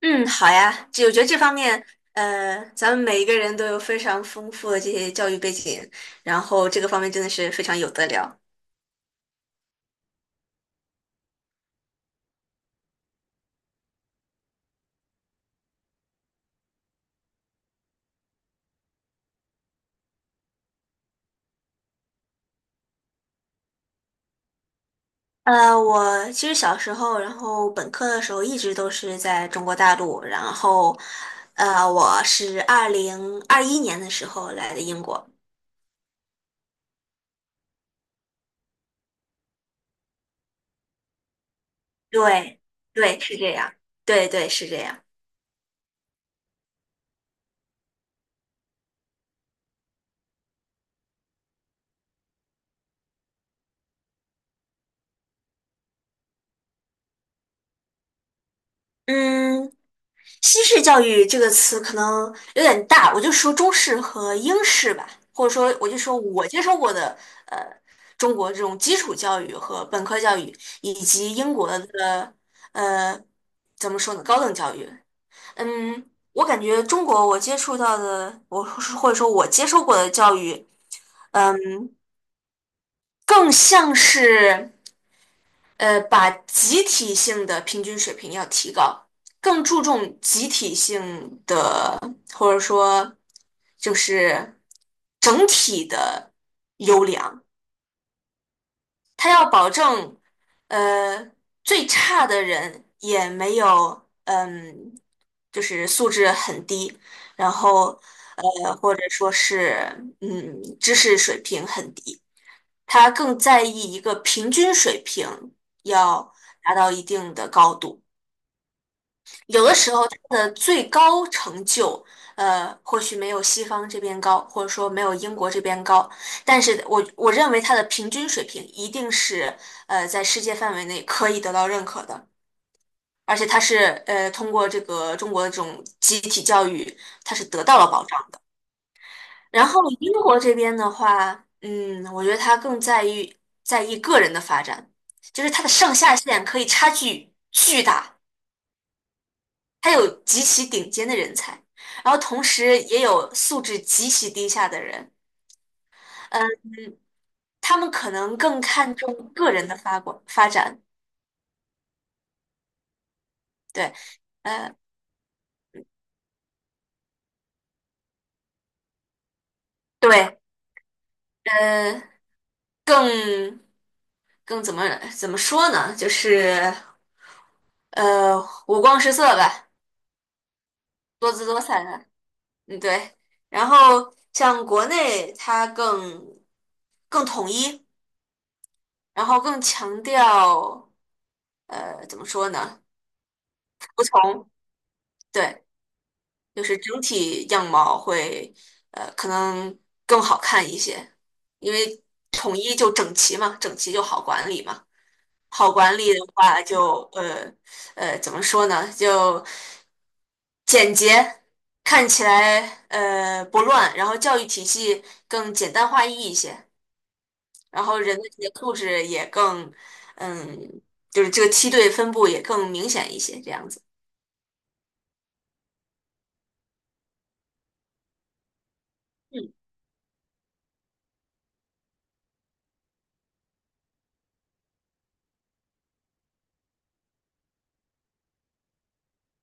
嗯，好呀，这我觉得这方面，咱们每一个人都有非常丰富的这些教育背景，然后这个方面真的是非常有得聊。我其实小时候，然后本科的时候一直都是在中国大陆，然后，我是2021年的时候来的英国。对，对，是这样，对对是这样。嗯，西式教育这个词可能有点大，我就说中式和英式吧，或者说我就说我接受过的呃中国这种基础教育和本科教育，以及英国的呃怎么说呢高等教育。嗯，我感觉中国我接触到的，我或者说我接受过的教育，嗯，更像是把集体性的平均水平要提高，更注重集体性的。或者说就是整体的优良，他要保证呃最差的人也没有就是素质很低，然后或者说是知识水平很低，他更在意一个平均水平要达到一定的高度。有的时候他的最高成就，或许没有西方这边高，或者说没有英国这边高，但是我认为他的平均水平一定是在世界范围内可以得到认可的，而且他是通过这个中国的这种集体教育，他是得到了保障。然后英国这边的话，嗯，我觉得他更在意个人的发展，就是他的上下限可以差距巨大。他有极其顶尖的人才，然后同时也有素质极其低下的人。嗯，他们可能更看重个人的发光发展，对，呃，对，呃，更更怎么说呢？就是呃，五光十色吧，多姿多彩的，嗯，对。然后像国内，它更统一，然后更强调怎么说呢？服从。对，就是整体样貌会可能更好看一些，因为统一就整齐嘛，整齐就好管理嘛。好管理的话就怎么说呢？就简洁，看起来不乱，然后教育体系更简单化一些，然后人的这个素质也更嗯，就是这个梯队分布也更明显一些，这样子。嗯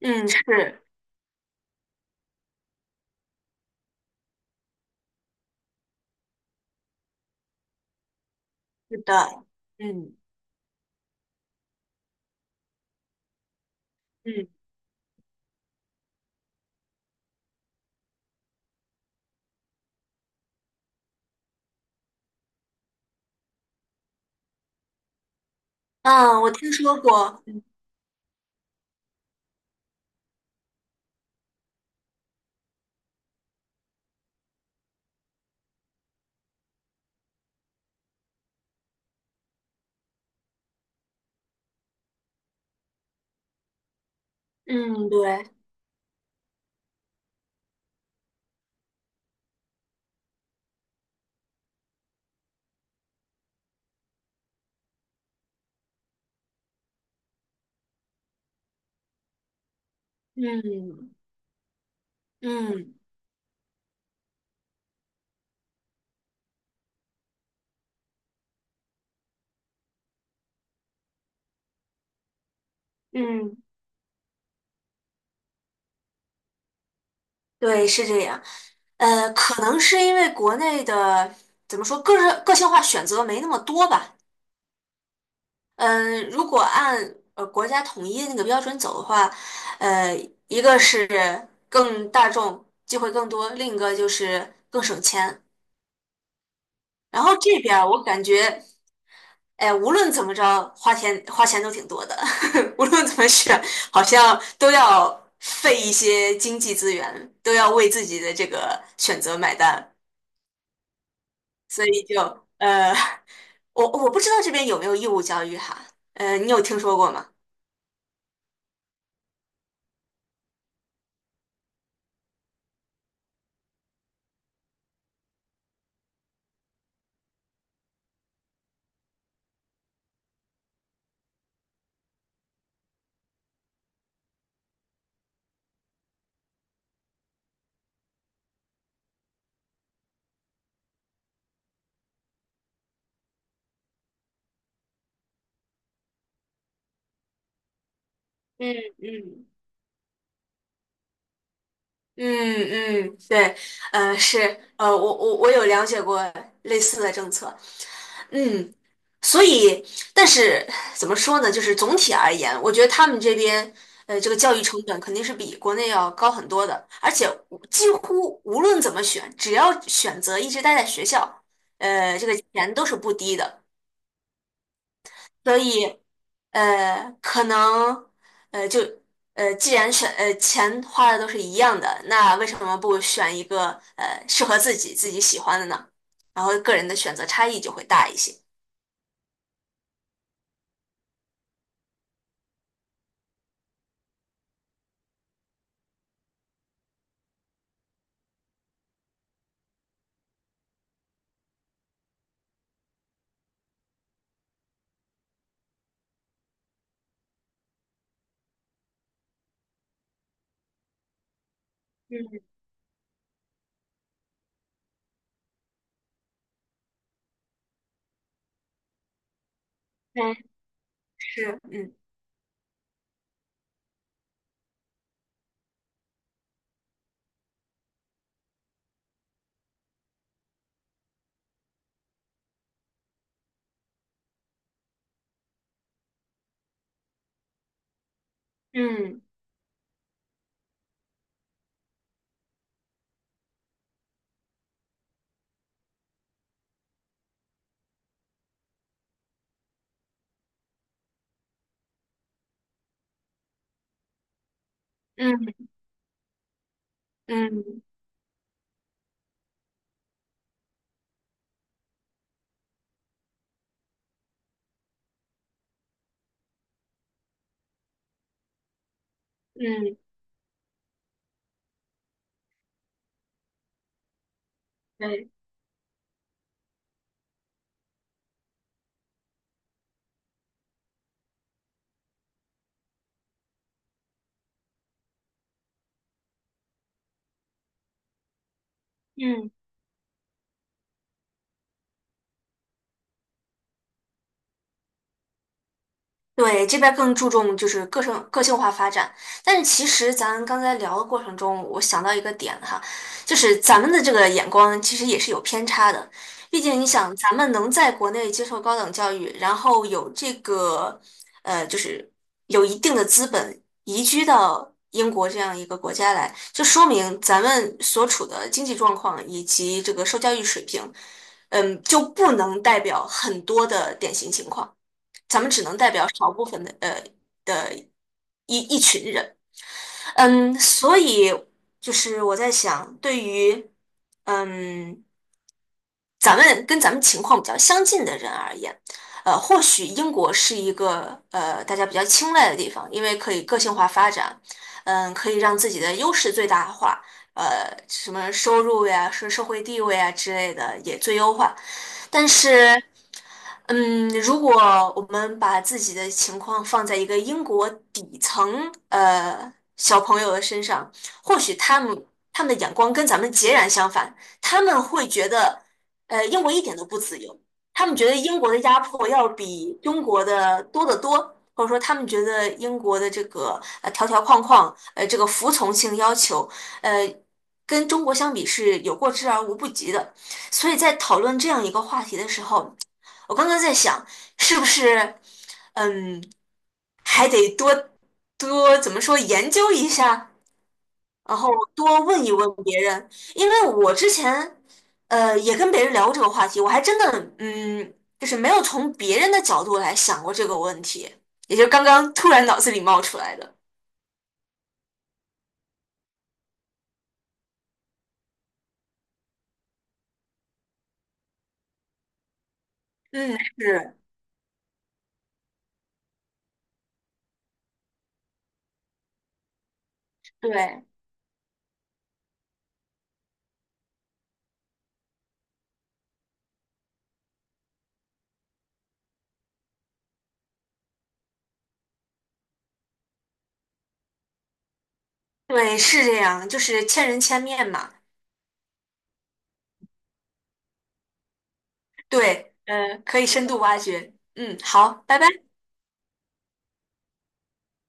嗯，是是的，嗯嗯。嗯，我听说过，嗯，对，嗯嗯嗯，对，是这样。可能是因为国内的怎么说，个人个性化选择没那么多吧。嗯、如果按国家统一的那个标准走的话，呃，一个是更大众，机会更多，另一个就是更省钱。然后这边儿我感觉，哎，无论怎么着，花钱都挺多的，无论怎么选，好像都要费一些经济资源，都要为自己的这个选择买单，所以就呃，我我不知道这边有没有义务教育哈，你有听说过吗？嗯嗯，嗯嗯，对，是，我有了解过类似的政策，嗯，所以，但是怎么说呢？就是总体而言，我觉得他们这边，这个教育成本肯定是比国内要高很多的，而且无几乎无论怎么选，只要选择一直待在学校，这个钱都是不低的。所以，可能，就，既然选，钱花的都是一样的，那为什么不选一个，适合自己喜欢的呢？然后个人的选择差异就会大一些。嗯，是，嗯。嗯嗯嗯嗯，对，嗯。对，这边更注重就是个性化发展，但是其实咱刚才聊的过程中，我想到一个点哈，就是咱们的这个眼光其实也是有偏差的，毕竟你想，咱们能在国内接受高等教育，然后有这个就是有一定的资本移居到英国这样一个国家来，就说明咱们所处的经济状况以及这个受教育水平，嗯，就不能代表很多的典型情况。咱们只能代表少部分的的一群人，嗯，所以就是我在想，对于嗯咱们跟咱们情况比较相近的人而言，或许英国是一个大家比较青睐的地方，因为可以个性化发展，嗯，可以让自己的优势最大化，什么收入呀、是社会地位啊之类的也最优化。但是，嗯，如果我们把自己的情况放在一个英国底层小朋友的身上，或许他们的眼光跟咱们截然相反，他们会觉得。英国一点都不自由，他们觉得英国的压迫要比中国的多得多，或者说他们觉得英国的这个条条框框，这个服从性要求，呃跟中国相比是有过之而无不及的。所以在讨论这样一个话题的时候，我刚刚在想，是不是嗯还得多怎么说研究一下，然后多问一问别人，因为我之前也跟别人聊过这个话题，我还真的嗯，就是没有从别人的角度来想过这个问题，也就刚刚突然脑子里冒出来的。嗯，是，对，对，是这样，就是千人千面嘛。对，可以深度挖掘。嗯，好，拜拜。